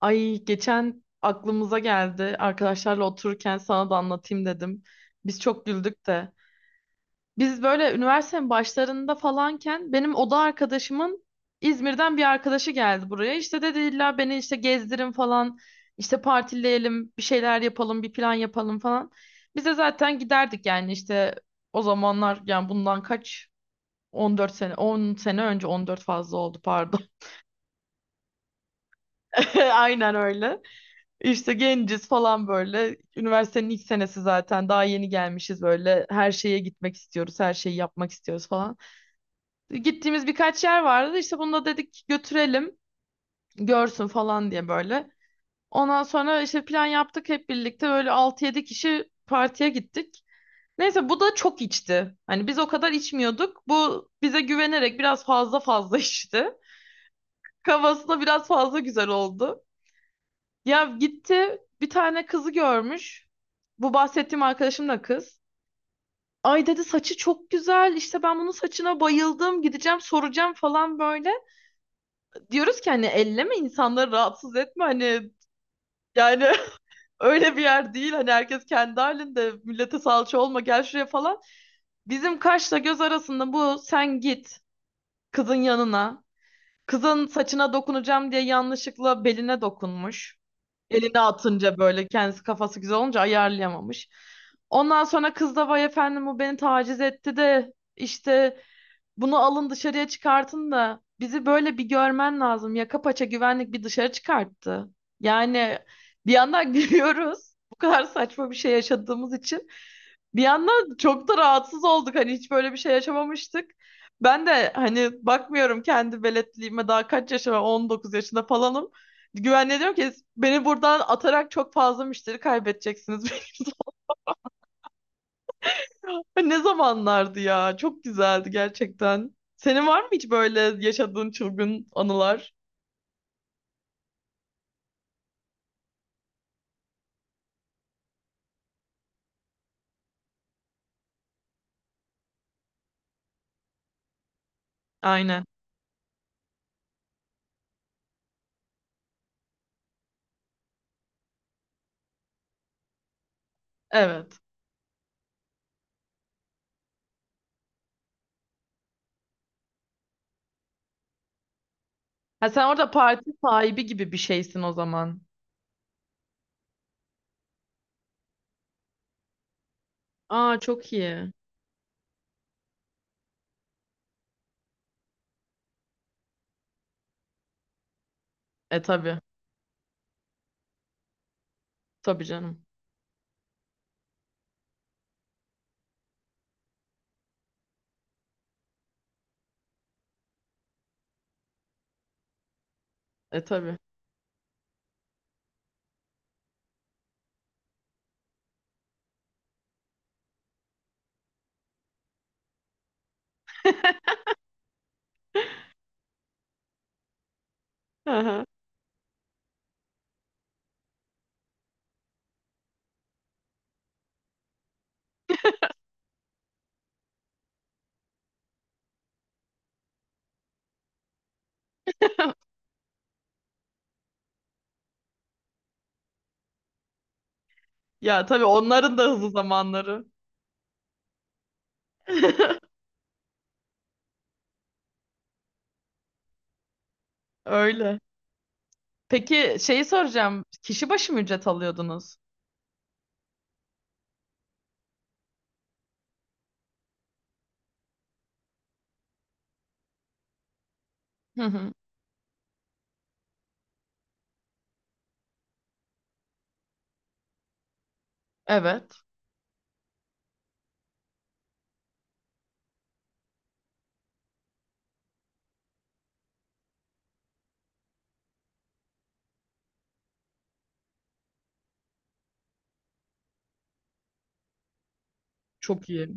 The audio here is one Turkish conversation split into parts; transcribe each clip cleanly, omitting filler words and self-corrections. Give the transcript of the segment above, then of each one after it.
Ay geçen aklımıza geldi. Arkadaşlarla otururken sana da anlatayım dedim. Biz çok güldük de. Biz böyle üniversitenin başlarında falanken benim oda arkadaşımın İzmir'den bir arkadaşı geldi buraya. İşte dedi illa beni işte gezdirin falan. İşte partileyelim, bir şeyler yapalım, bir plan yapalım falan. Biz de zaten giderdik yani işte o zamanlar yani bundan kaç 14 sene 10 sene önce, 14 fazla oldu, pardon. Aynen öyle. İşte genciz falan böyle. Üniversitenin ilk senesi zaten. Daha yeni gelmişiz böyle. Her şeye gitmek istiyoruz. Her şeyi yapmak istiyoruz falan. Gittiğimiz birkaç yer vardı. İşte bunu da dedik götürelim. Görsün falan diye böyle. Ondan sonra işte plan yaptık hep birlikte. Böyle altı 7 kişi partiye gittik. Neyse bu da çok içti. Hani biz o kadar içmiyorduk. Bu bize güvenerek biraz fazla içti. Kafasına biraz fazla güzel oldu. Ya gitti bir tane kızı görmüş. Bu bahsettiğim arkadaşım da kız. Ay dedi, saçı çok güzel, işte ben bunun saçına bayıldım, gideceğim soracağım falan böyle. Diyoruz ki hani elleme, insanları rahatsız etme, hani yani öyle bir yer değil, hani herkes kendi halinde, millete salça olma, gel şuraya falan. Bizim kaşla göz arasında bu sen git kızın yanına, kızın saçına dokunacağım diye yanlışlıkla beline dokunmuş. Elini atınca böyle kendisi, kafası güzel olunca ayarlayamamış. Ondan sonra kız da vay efendim bu beni taciz etti de işte bunu alın dışarıya çıkartın da, bizi böyle bir görmen lazım. Yaka paça güvenlik bir dışarı çıkarttı. Yani bir yandan gülüyoruz. Bu kadar saçma bir şey yaşadığımız için. Bir yandan çok da rahatsız olduk. Hani hiç böyle bir şey yaşamamıştık. Ben de hani bakmıyorum kendi veletliğime, daha kaç yaşıma, 19 yaşında falanım. Güvenliğe diyorum ki beni buradan atarak çok fazla müşteri kaybedeceksiniz. Ay, ne zamanlardı ya? Çok güzeldi gerçekten. Senin var mı hiç böyle yaşadığın çılgın anılar? Aynen. Evet. Ha, sen orada parti sahibi gibi bir şeysin o zaman. Aa, çok iyi. E, tabii. Tabii canım. E, tabii. Hı hı. Ya tabii, onların da hızlı zamanları. Öyle. Peki şeyi soracağım. Kişi başı mı ücret alıyordunuz? Hı hı. Evet. Çok iyi.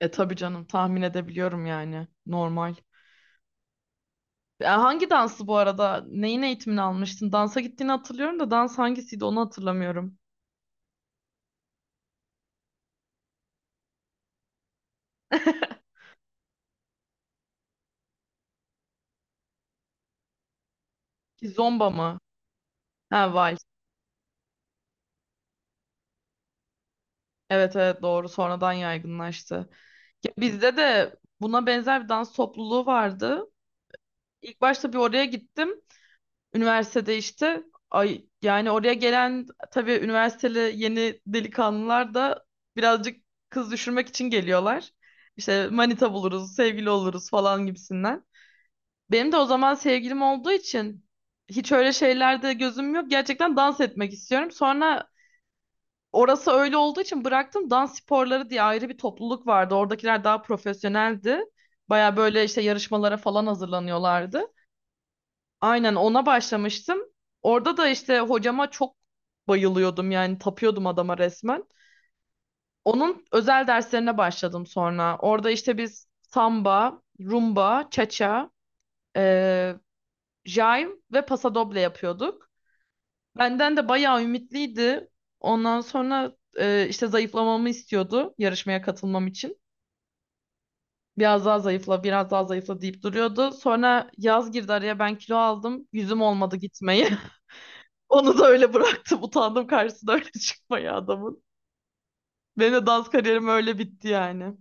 E, tabii canım, tahmin edebiliyorum yani. Normal. Hangi dansı bu arada? Neyin eğitimini almıştın? Dansa gittiğini hatırlıyorum da dans hangisiydi onu hatırlamıyorum. Zomba mı? Ha, vals. Evet evet, doğru, sonradan yaygınlaştı. Ya bizde de buna benzer bir dans topluluğu vardı. İlk başta bir oraya gittim. Üniversitede işte, ay yani oraya gelen tabii üniversiteli yeni delikanlılar da birazcık kız düşürmek için geliyorlar. İşte manita buluruz, sevgili oluruz falan gibisinden. Benim de o zaman sevgilim olduğu için hiç öyle şeylerde gözüm yok. Gerçekten dans etmek istiyorum. Sonra orası öyle olduğu için bıraktım. Dans sporları diye ayrı bir topluluk vardı. Oradakiler daha profesyoneldi. Baya böyle işte yarışmalara falan hazırlanıyorlardı. Aynen, ona başlamıştım. Orada da işte hocama çok bayılıyordum yani, tapıyordum adama resmen. Onun özel derslerine başladım sonra. Orada işte biz samba, rumba, cha-cha, jive ve pasadoble yapıyorduk. Benden de bayağı ümitliydi. Ondan sonra işte zayıflamamı istiyordu yarışmaya katılmam için. Biraz daha zayıfla, biraz daha zayıfla deyip duruyordu. Sonra yaz girdi araya, ben kilo aldım. Yüzüm olmadı gitmeyi. Onu da öyle bıraktım. Utandım karşısına öyle çıkmaya adamın. Benim de dans kariyerim öyle bitti yani.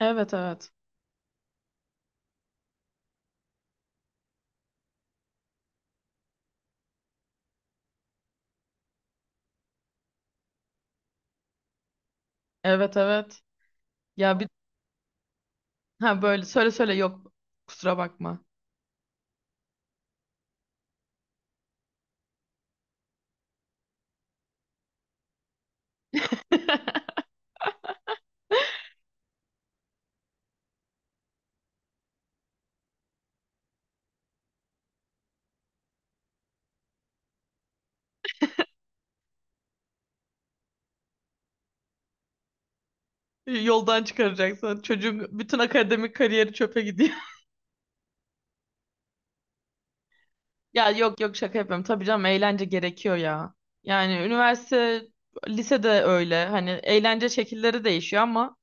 Evet evet. Evet evet. Ya bir, ha böyle söyle söyle, yok. Kusura bakma. Yoldan çıkaracaksın. Çocuğun bütün akademik kariyeri çöpe gidiyor. Ya yok yok, şaka yapıyorum. Tabii canım, eğlence gerekiyor ya. Yani üniversite, lisede öyle. Hani eğlence şekilleri değişiyor ama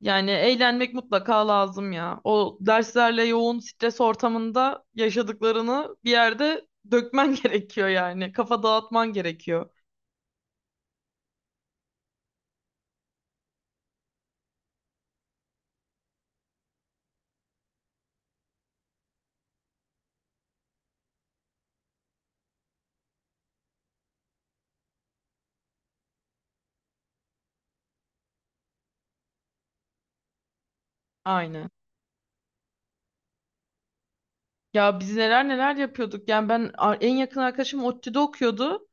yani eğlenmek mutlaka lazım ya. O derslerle yoğun stres ortamında yaşadıklarını bir yerde dökmen gerekiyor yani. Kafa dağıtman gerekiyor. Aynen. Ya biz neler neler yapıyorduk. Yani ben en yakın arkadaşım ODTÜ'de okuyordu.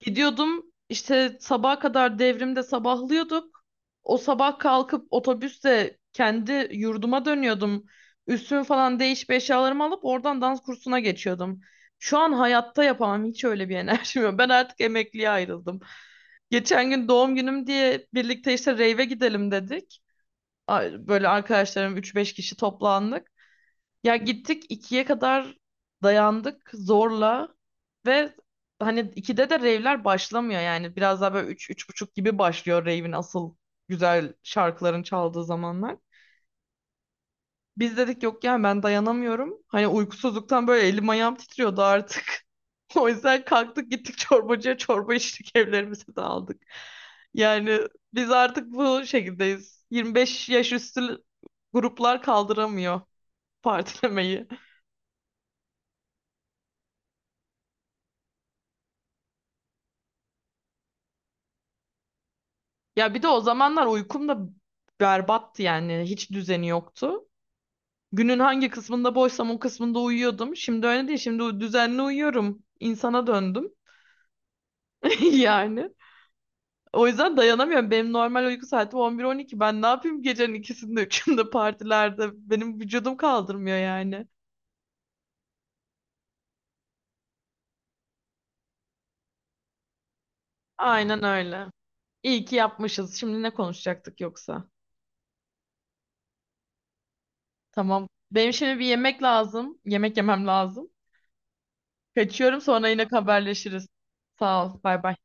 Gidiyordum işte, sabaha kadar devrimde sabahlıyorduk. O sabah kalkıp otobüsle kendi yurduma dönüyordum. Üstümü falan değişip eşyalarımı alıp oradan dans kursuna geçiyordum. Şu an hayatta yapamam, hiç öyle bir enerjim yok. Ben artık emekliye ayrıldım. Geçen gün doğum günüm diye birlikte işte rave'e gidelim dedik. Böyle arkadaşlarım üç beş kişi toplandık. Ya gittik ikiye kadar dayandık zorla ve hani ikide de rave'ler başlamıyor yani biraz daha böyle üç, üç buçuk gibi başlıyor rave'in asıl güzel şarkıların çaldığı zamanlar. Biz dedik yok yani, ben dayanamıyorum. Hani uykusuzluktan böyle elim ayağım titriyordu artık. O yüzden kalktık gittik çorbacıya çorba içtik, evlerimize de aldık. Yani biz artık bu şekildeyiz. 25 yaş üstü gruplar kaldıramıyor partilemeyi. Ya bir de o zamanlar uykum da berbattı yani. Hiç düzeni yoktu. Günün hangi kısmında boşsam o kısmında uyuyordum. Şimdi öyle değil. Şimdi düzenli uyuyorum. İnsana döndüm. Yani. O yüzden dayanamıyorum. Benim normal uyku saatim 11-12. Ben ne yapayım gecenin ikisinde, üçünde partilerde? Benim vücudum kaldırmıyor yani. Aynen öyle. İyi ki yapmışız. Şimdi ne konuşacaktık yoksa? Tamam. Benim şimdi bir yemek lazım. Yemek yemem lazım. Kaçıyorum, sonra yine haberleşiriz. Sağ ol. Bay bay.